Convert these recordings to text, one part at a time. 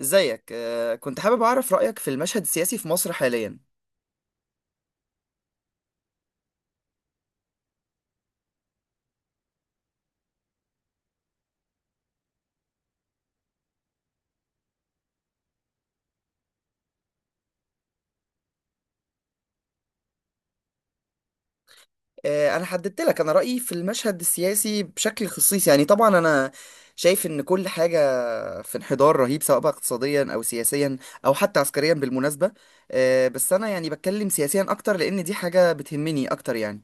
ازيك؟ كنت حابب اعرف رأيك في المشهد السياسي في مصر حاليا. انا حددت لك انا رأيي في المشهد السياسي بشكل خصيص، يعني طبعا انا شايف ان كل حاجة في انحدار رهيب، سواء بقى اقتصاديا او سياسيا او حتى عسكريا بالمناسبة. بس انا يعني بتكلم سياسيا اكتر لان دي حاجة بتهمني اكتر يعني.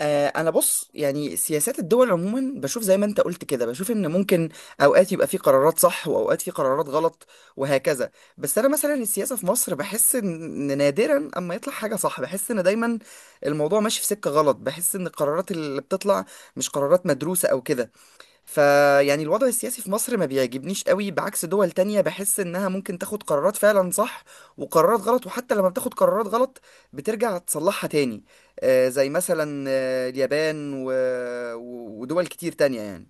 انا بص، يعني سياسات الدول عموما بشوف زي ما انت قلت كده، بشوف ان ممكن اوقات يبقى في قرارات صح واوقات في قرارات غلط وهكذا. بس انا مثلا السياسة في مصر بحس ان نادرا اما يطلع حاجة صح، بحس ان دايما الموضوع ماشي في سكة غلط، بحس ان القرارات اللي بتطلع مش قرارات مدروسة او كده. فيعني الوضع السياسي في مصر ما بيعجبنيش قوي، بعكس دول تانية بحس انها ممكن تاخد قرارات فعلا صح وقرارات غلط، وحتى لما بتاخد قرارات غلط بترجع تصلحها تاني. زي مثلا اليابان ودول كتير تانية يعني.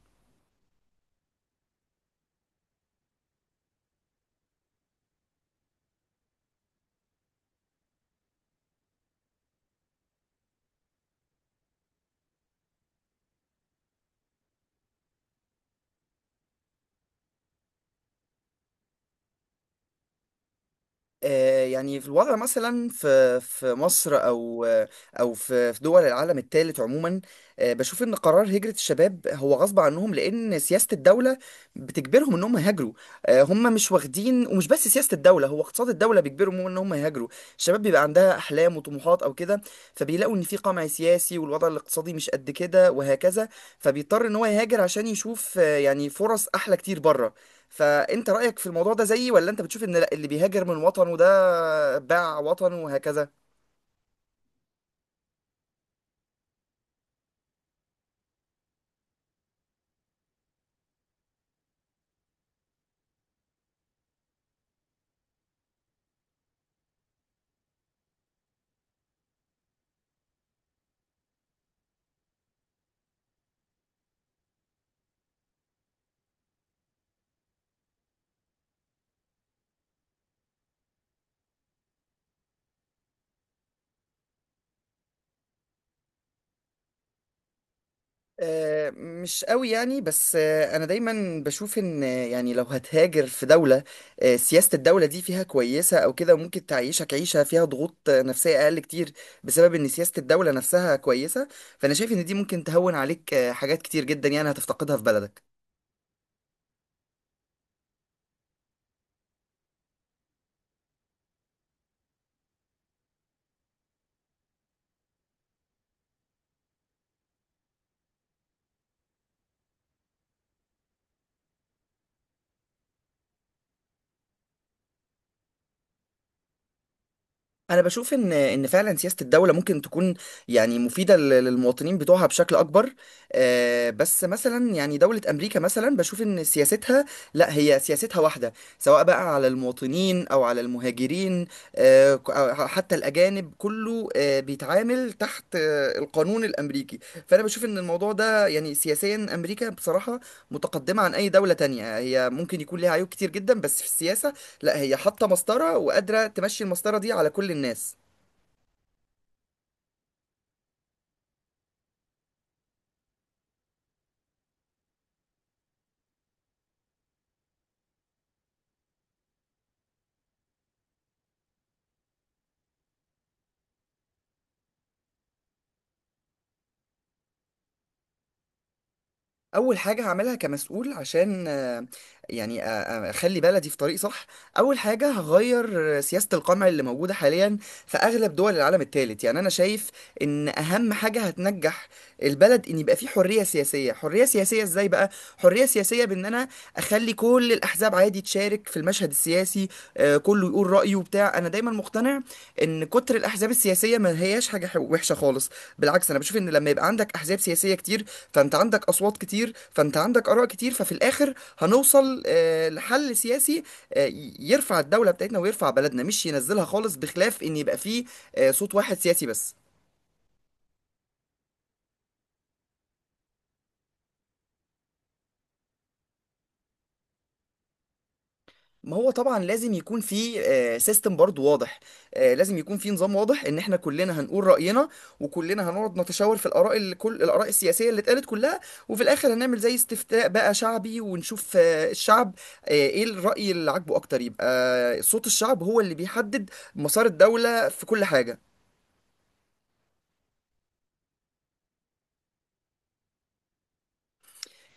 يعني في الوضع مثلا في مصر او او في دول العالم الثالث عموما، بشوف ان قرار هجرة الشباب هو غصب عنهم، لان سياسة الدولة بتجبرهم ان هم يهاجروا. هم مش واخدين، ومش بس سياسة الدولة، هو اقتصاد الدولة بيجبرهم ان هم يهاجروا. الشباب بيبقى عندها احلام وطموحات او كده، فبيلاقوا ان في قمع سياسي والوضع الاقتصادي مش قد كده وهكذا، فبيضطر ان هو يهاجر عشان يشوف يعني فرص احلى كتير بره. فانت رأيك في الموضوع ده زيي، ولا انت بتشوف ان لا اللي بيهاجر من وطنه ده باع وطنه وهكذا؟ مش قوي يعني، بس انا دايما بشوف ان يعني لو هتهاجر في دولة سياسة الدولة دي فيها كويسة او كده، ممكن تعيشك عيشة فيها ضغوط نفسية اقل كتير، بسبب ان سياسة الدولة نفسها كويسة. فانا شايف ان دي ممكن تهون عليك حاجات كتير جدا يعني هتفتقدها في بلدك. انا بشوف ان فعلا سياسه الدوله ممكن تكون يعني مفيده للمواطنين بتوعها بشكل اكبر. بس مثلا يعني دوله امريكا مثلا بشوف ان سياستها، لا هي سياستها واحده سواء بقى على المواطنين او على المهاجرين أو حتى الاجانب، كله بيتعامل تحت القانون الامريكي. فانا بشوف ان الموضوع ده يعني سياسيا، امريكا بصراحه متقدمه عن اي دوله تانية. هي ممكن يكون ليها عيوب كتير جدا، بس في السياسه لا، هي حاطه مسطره وقادره تمشي المسطره دي على كل الناس. اول حاجه هعملها كمسؤول عشان يعني اخلي بلدي في طريق صح، اول حاجه هغير سياسه القمع اللي موجوده حاليا في اغلب دول العالم الثالث. يعني انا شايف ان اهم حاجه هتنجح البلد ان يبقى فيه حريه سياسيه. حريه سياسيه ازاي بقى؟ حريه سياسيه بان انا اخلي كل الاحزاب عادي تشارك في المشهد السياسي، كله يقول رايه وبتاع. انا دايما مقتنع ان كتر الاحزاب السياسيه ما هياش حاجه وحشه خالص، بالعكس انا بشوف ان لما يبقى عندك احزاب سياسيه كتير، فانت عندك اصوات كتير، فانت عندك اراء كتير، ففي الاخر هنوصل لحل سياسي يرفع الدوله بتاعتنا ويرفع بلدنا، مش ينزلها خالص، بخلاف ان يبقى فيه صوت واحد سياسي بس. ما هو طبعا لازم يكون في سيستم برضو واضح، لازم يكون في نظام واضح ان احنا كلنا هنقول رأينا، وكلنا هنقعد نتشاور في الاراء، اللي كل الاراء السياسية اللي اتقالت كلها، وفي الاخر هنعمل زي استفتاء بقى شعبي، ونشوف الشعب ايه الرأي اللي عاجبه اكتر، يبقى صوت الشعب هو اللي بيحدد مسار الدولة في كل حاجة.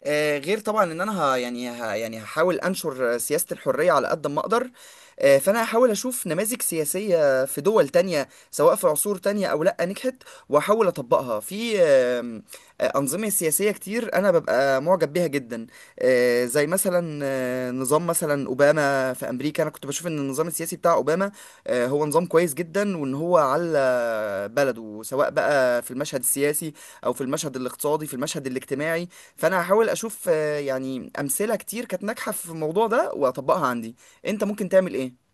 غير طبعا ان انا ه يعني ه يعني هحاول انشر سياسة الحرية على قد ما اقدر. فانا هحاول اشوف نماذج سياسية في دول تانية، سواء في عصور تانية او لا، نجحت واحاول اطبقها. في آم، آه، انظمة سياسية كتير انا ببقى معجب بيها جدا، زي مثلا نظام مثلا اوباما في امريكا. انا كنت بشوف ان النظام السياسي بتاع اوباما هو نظام كويس جدا، وان هو على بلده سواء بقى في المشهد السياسي او في المشهد الاقتصادي، في المشهد الاجتماعي. فانا هحاول اشوف يعني امثله كتير كانت ناجحه في الموضوع ده واطبقها عندي. انت ممكن تعمل ايه؟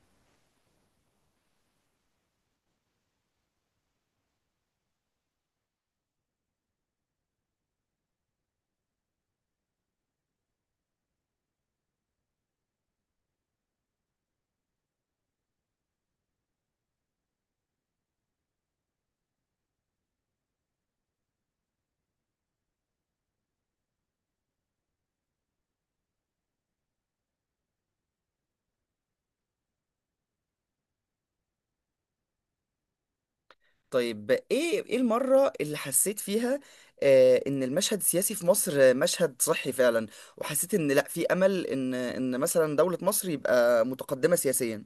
طيب، ايه المره اللي حسيت فيها ان المشهد السياسي في مصر مشهد صحي فعلا، وحسيت ان لا في امل ان مثلا دوله مصر يبقى متقدمه سياسيا؟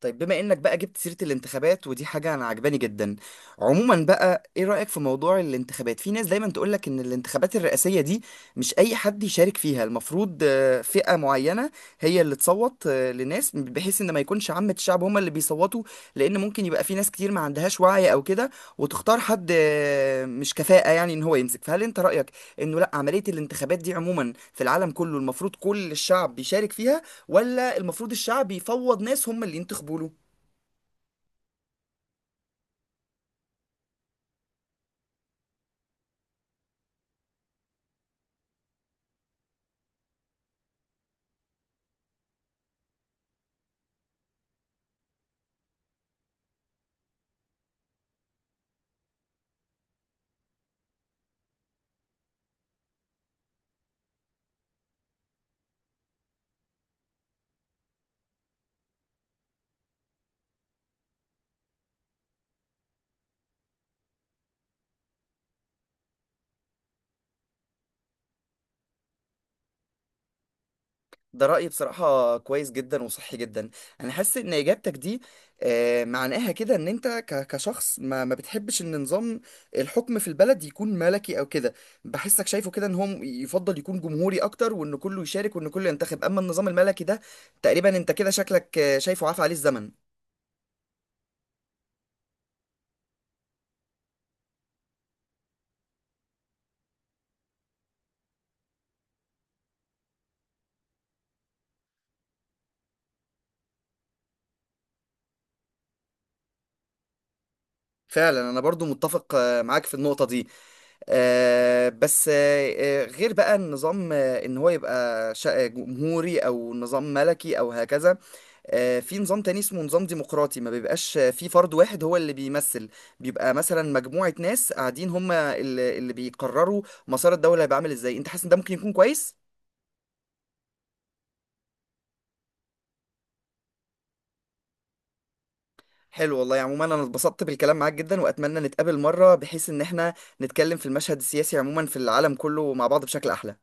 طيب، بما انك بقى جبت سيرة الانتخابات، ودي حاجة انا عجباني جدا عموما بقى، ايه رأيك في موضوع الانتخابات؟ في ناس دايما تقولك ان الانتخابات الرئاسية دي مش اي حد يشارك فيها، المفروض فئة معينة هي اللي تصوت لناس، بحيث ان ما يكونش عامة الشعب هما اللي بيصوتوا، لان ممكن يبقى في ناس كتير ما عندهاش وعي او كده، وتختار حد مش كفاءة يعني ان هو يمسك. فهل انت رأيك انه لا، عملية الانتخابات دي عموما في العالم كله المفروض كل الشعب بيشارك فيها، ولا المفروض الشعب يفوض ناس هم اللي ينتخبوا له؟ ده رأيي بصراحة كويس جدا وصحي جدا. أنا حاسس إن إجابتك دي معناها كده إن أنت كشخص ما, ما بتحبش إن نظام الحكم في البلد يكون ملكي أو كده. بحسك شايفه كده إن هو يفضل يكون جمهوري أكتر، وإن كله يشارك وإن كله ينتخب، أما النظام الملكي ده تقريبا أنت كده شكلك شايفه عافى عليه الزمن. فعلا أنا برضو متفق معاك في النقطة دي. آه، بس آه، آه، غير بقى النظام ان هو يبقى جمهوري او نظام ملكي او هكذا، في نظام تاني اسمه نظام ديمقراطي، ما بيبقاش في فرد واحد هو اللي بيمثل، بيبقى مثلا مجموعة ناس قاعدين هم اللي بيقرروا مسار الدولة. هيبقى عامل ازاي؟ انت حاسس ان ده ممكن يكون كويس؟ حلو والله. عموما انا اتبسطت بالكلام معاك جدا، واتمنى نتقابل مرة بحيث ان احنا نتكلم في المشهد السياسي عموما في العالم كله مع بعض بشكل احلى.